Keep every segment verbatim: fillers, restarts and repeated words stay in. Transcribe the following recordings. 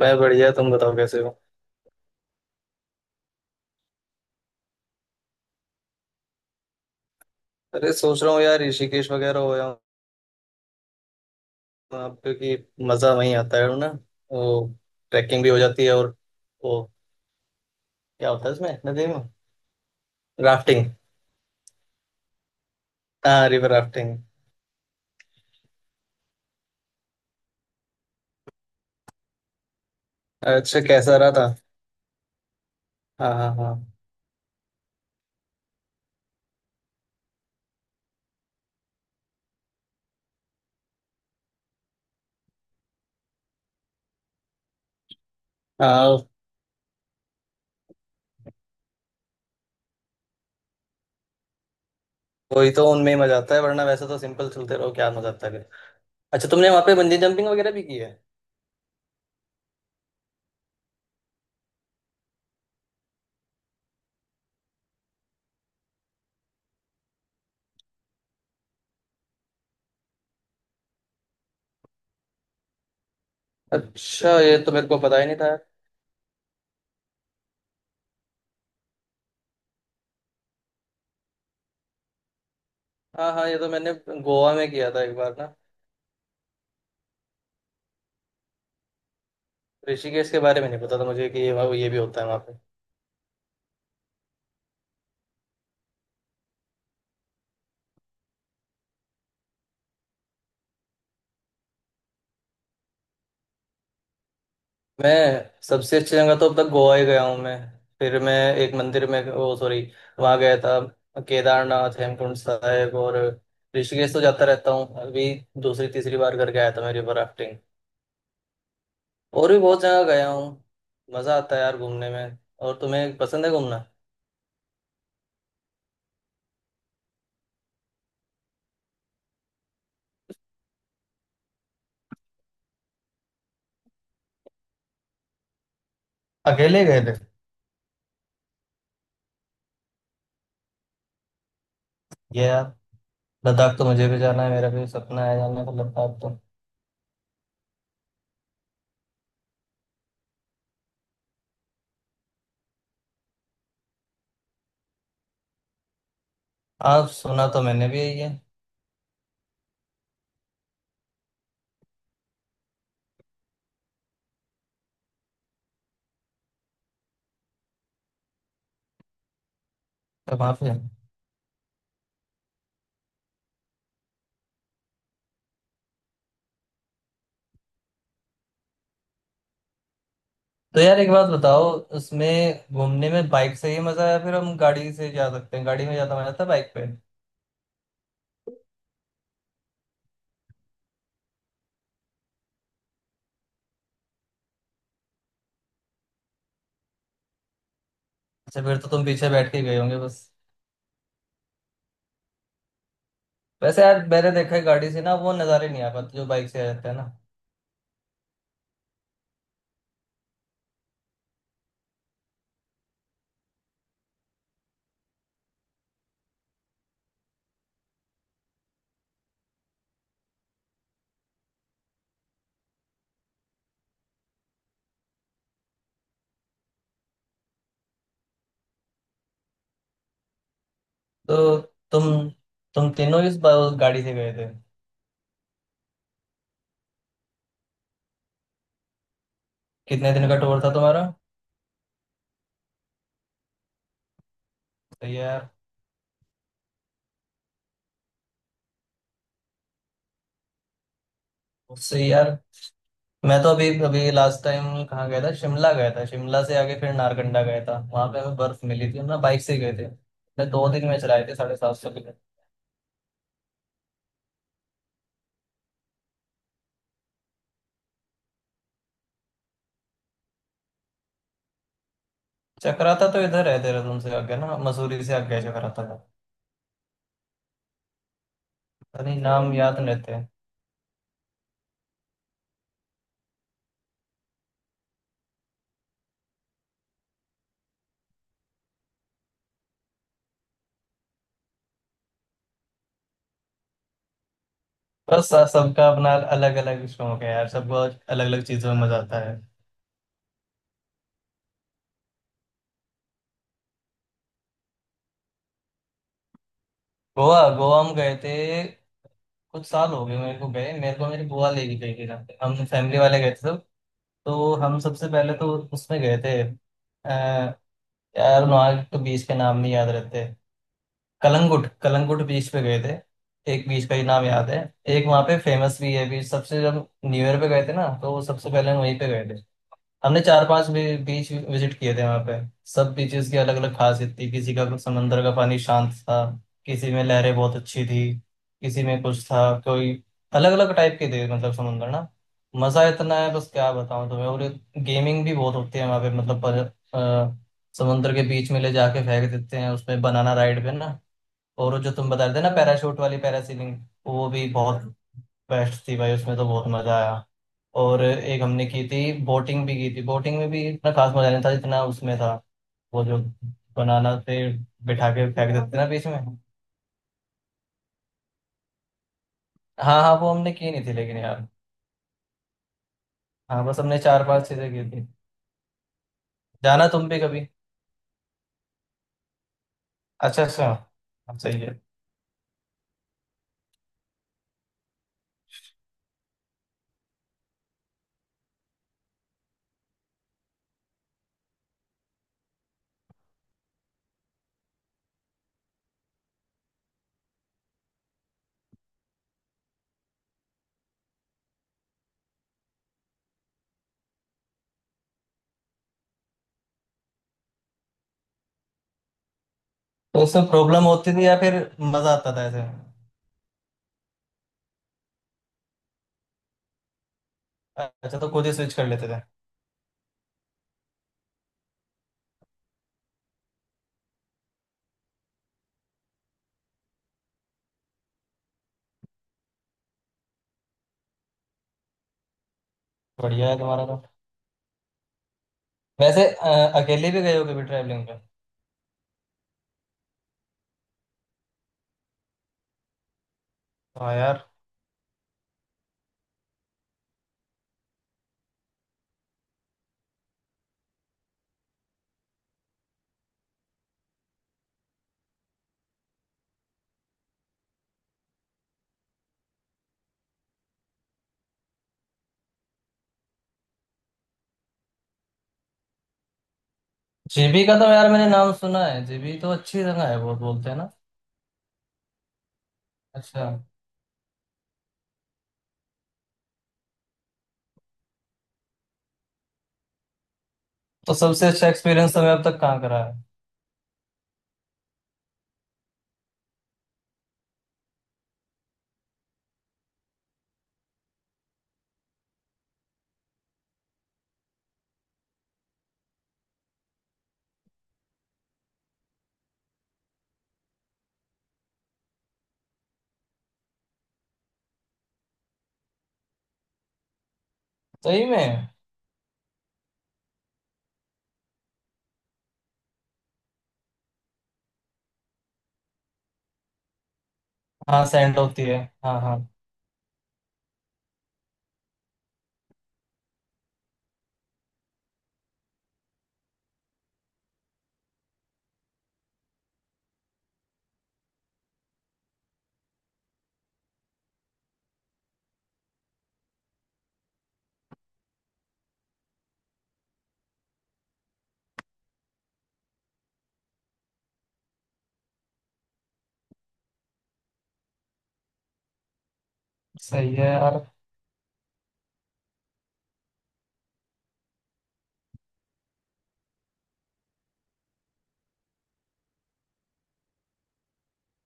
मैं बढ़िया। तुम बताओ कैसे हो। अरे सोच रहा हूँ यार, ऋषिकेश वगैरह हो आऊँ। वहाँ पे कि मजा वहीं आता है ना। वो ट्रैकिंग भी हो जाती है। और वो क्या होता है इसमें नदी में। राफ्टिंग। हाँ, रिवर राफ्टिंग। अच्छा, कैसा रहा था। हाँ हाँ हाँ। हाँ वही तो उनमें ही मजा आता है, वरना वैसे तो सिंपल चलते रहो, क्या मजा आता है फिर। अच्छा तुमने वहाँ पे बंजी जंपिंग वगैरह भी की है। अच्छा, ये तो मेरे को पता ही नहीं था। हाँ हाँ, ये तो मैंने गोवा में किया था एक बार ना। ऋषिकेश के बारे में नहीं पता था मुझे कि ये ये भी होता है वहाँ पे। मैं सबसे अच्छी जगह तो अब तक गोवा ही गया हूँ मैं। फिर मैं एक मंदिर में वो, सॉरी, वहाँ गया था। केदारनाथ, हेमकुंड साहिब और ऋषिकेश तो जाता रहता हूँ। अभी दूसरी तीसरी बार करके आया था मैं रिवर राफ्टिंग। और भी बहुत जगह गया हूँ। मज़ा आता है यार घूमने में। और तुम्हें पसंद है घूमना। अकेले गए थे। ये यार लद्दाख तो मुझे भी जाना है। मेरा भी सपना है जाने का लद्दाख तो। आप, सुना तो मैंने भी यही है। तो वहाँ पे तो यार एक बात बताओ। उसमें घूमने में बाइक से ही मजा आया, फिर हम गाड़ी से जा सकते हैं। गाड़ी में ज्यादा मजा आता है बाइक पे। अच्छा, फिर तो तुम पीछे बैठ के गए होंगे बस। वैसे यार मैंने देखा है गाड़ी से ना वो नज़ारे नहीं आ पाते जो बाइक से आ जाते हैं ना। तो तुम तुम तीनों इस बा- गाड़ी से गए थे। कितने दिन का टूर था तुम्हारा। सही है यार। उससे यार मैं तो अभी अभी लास्ट टाइम कहाँ गया था, शिमला गया था। शिमला से आगे फिर नारकंडा गया था, वहां पे हमें बर्फ मिली थी। हम ना बाइक से गए थे। मैं दो दिन में चलाए थे साढ़े सात सौ। चक्राता तो इधर है देहरादून से आगे ना, मसूरी से आगे है चक्राता का। अरे नाम याद नहीं रहते। बस स- सबका अपना अलग अलग शौक है यार। सबको अलग अलग चीजों में मजा आता है। गोवा, गोवा हम गए थे। कुछ साल हो गए मेरे को गए। मेरे को मेरी बुआ लेके गई थी ना। हम फैमिली वाले गए थे सब। तो हम सबसे पहले तो उसमें गए थे। यार नॉर्थ तो बीच के नाम नहीं याद रहते। कलंगुट, कलंगुट बीच पे गए थे। एक बीच का ही नाम याद है। एक वहाँ पे फेमस भी है बीच सबसे, जब न्यू ईयर पे गए थे ना तो सबसे पहले हम वहीं पे गए। हमने चार पांच भी, बीच विजिट किए थे वहां पे। सब बीचेस की अलग अलग खासियत थी। किसी का समंदर का पानी शांत था, किसी में लहरें बहुत अच्छी थी, किसी में कुछ था कोई। अलग अलग टाइप के थे मतलब समंदर ना। मजा इतना है बस, क्या बताऊं तुम्हें। और गेमिंग भी बहुत होती है वहां पे। मतलब पर, अ, समंदर के बीच में ले जाके फेंक देते हैं उसमें बनाना राइड पे ना। और वो जो तुम बता रहे थे ना पैराशूट वाली पैरासीलिंग, वो भी बहुत बेस्ट थी भाई। उसमें तो बहुत मजा आया। और एक हमने की थी, बोटिंग भी की थी। बोटिंग में भी इतना खास मजा नहीं था जितना उसमें था। वो जो बनाना से बिठा के फेंक देते थे ना बीच में। हाँ हाँ, वो हमने की नहीं थी लेकिन यार। हाँ, बस हमने चार पांच चीजें की थी। जाना तुम भी कभी। अच्छा अच्छा। हाँ, सही है। तो उसमें प्रॉब्लम होती थी या फिर मजा आता था ऐसे। अच्छा तो खुद ही स्विच कर लेते थे। बढ़िया है तुम्हारा तो। वैसे अ, अकेले भी गए हो कभी ट्रैवलिंग पे। हाँ यार, जीबी का तो यार मैंने नाम सुना है। जीबी तो अच्छी जगह है बहुत, बोलते हैं ना। अच्छा, तो सबसे अच्छा एक्सपीरियंस हमें अब तक कहाँ करा है। सही में। हाँ सैंड होती है। हाँ हाँ। सही है यार।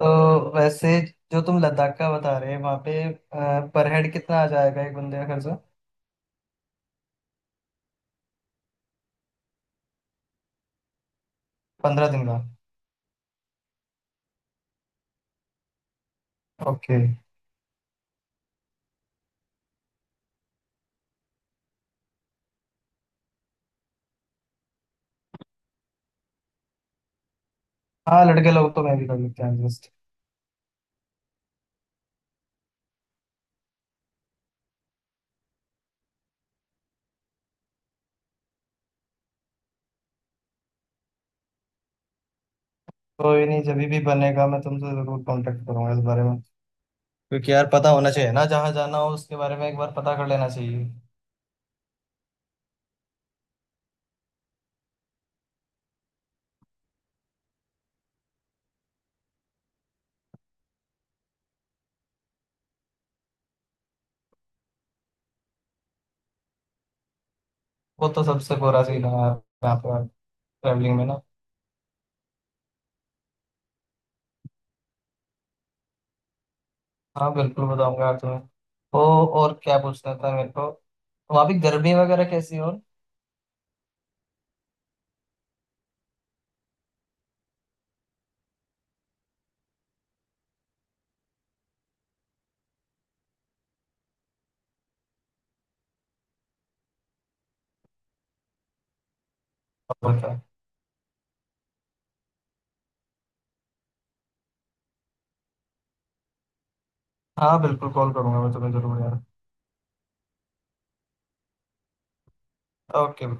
तो वैसे जो तुम लद्दाख का बता रहे हैं वहाँ पे पर हेड कितना आ जाएगा एक बंदे का खर्चा। पंद्रह दिन का। ओके। हाँ लड़के लोग तो मैं भी कर लेते हैं एडजस्ट। कोई नहीं, जब भी बनेगा मैं तुमसे जरूर कांटेक्ट करूंगा इस बारे में। क्योंकि यार पता होना चाहिए ना जहाँ जाना हो, उसके बारे में एक बार पता कर लेना चाहिए। वो तो सबसे कोरा सीन है यार, यहाँ पे ट्रैवलिंग में ना। हाँ बिल्कुल बताऊंगा यार तुम्हें। ओ, और क्या पूछना था मेरे को। वहाँ भी गर्मी वगैरह कैसी है, और कॉल पे। हाँ बिल्कुल, कॉल करूंगा मैं तुम्हें जरूर यार। ओके।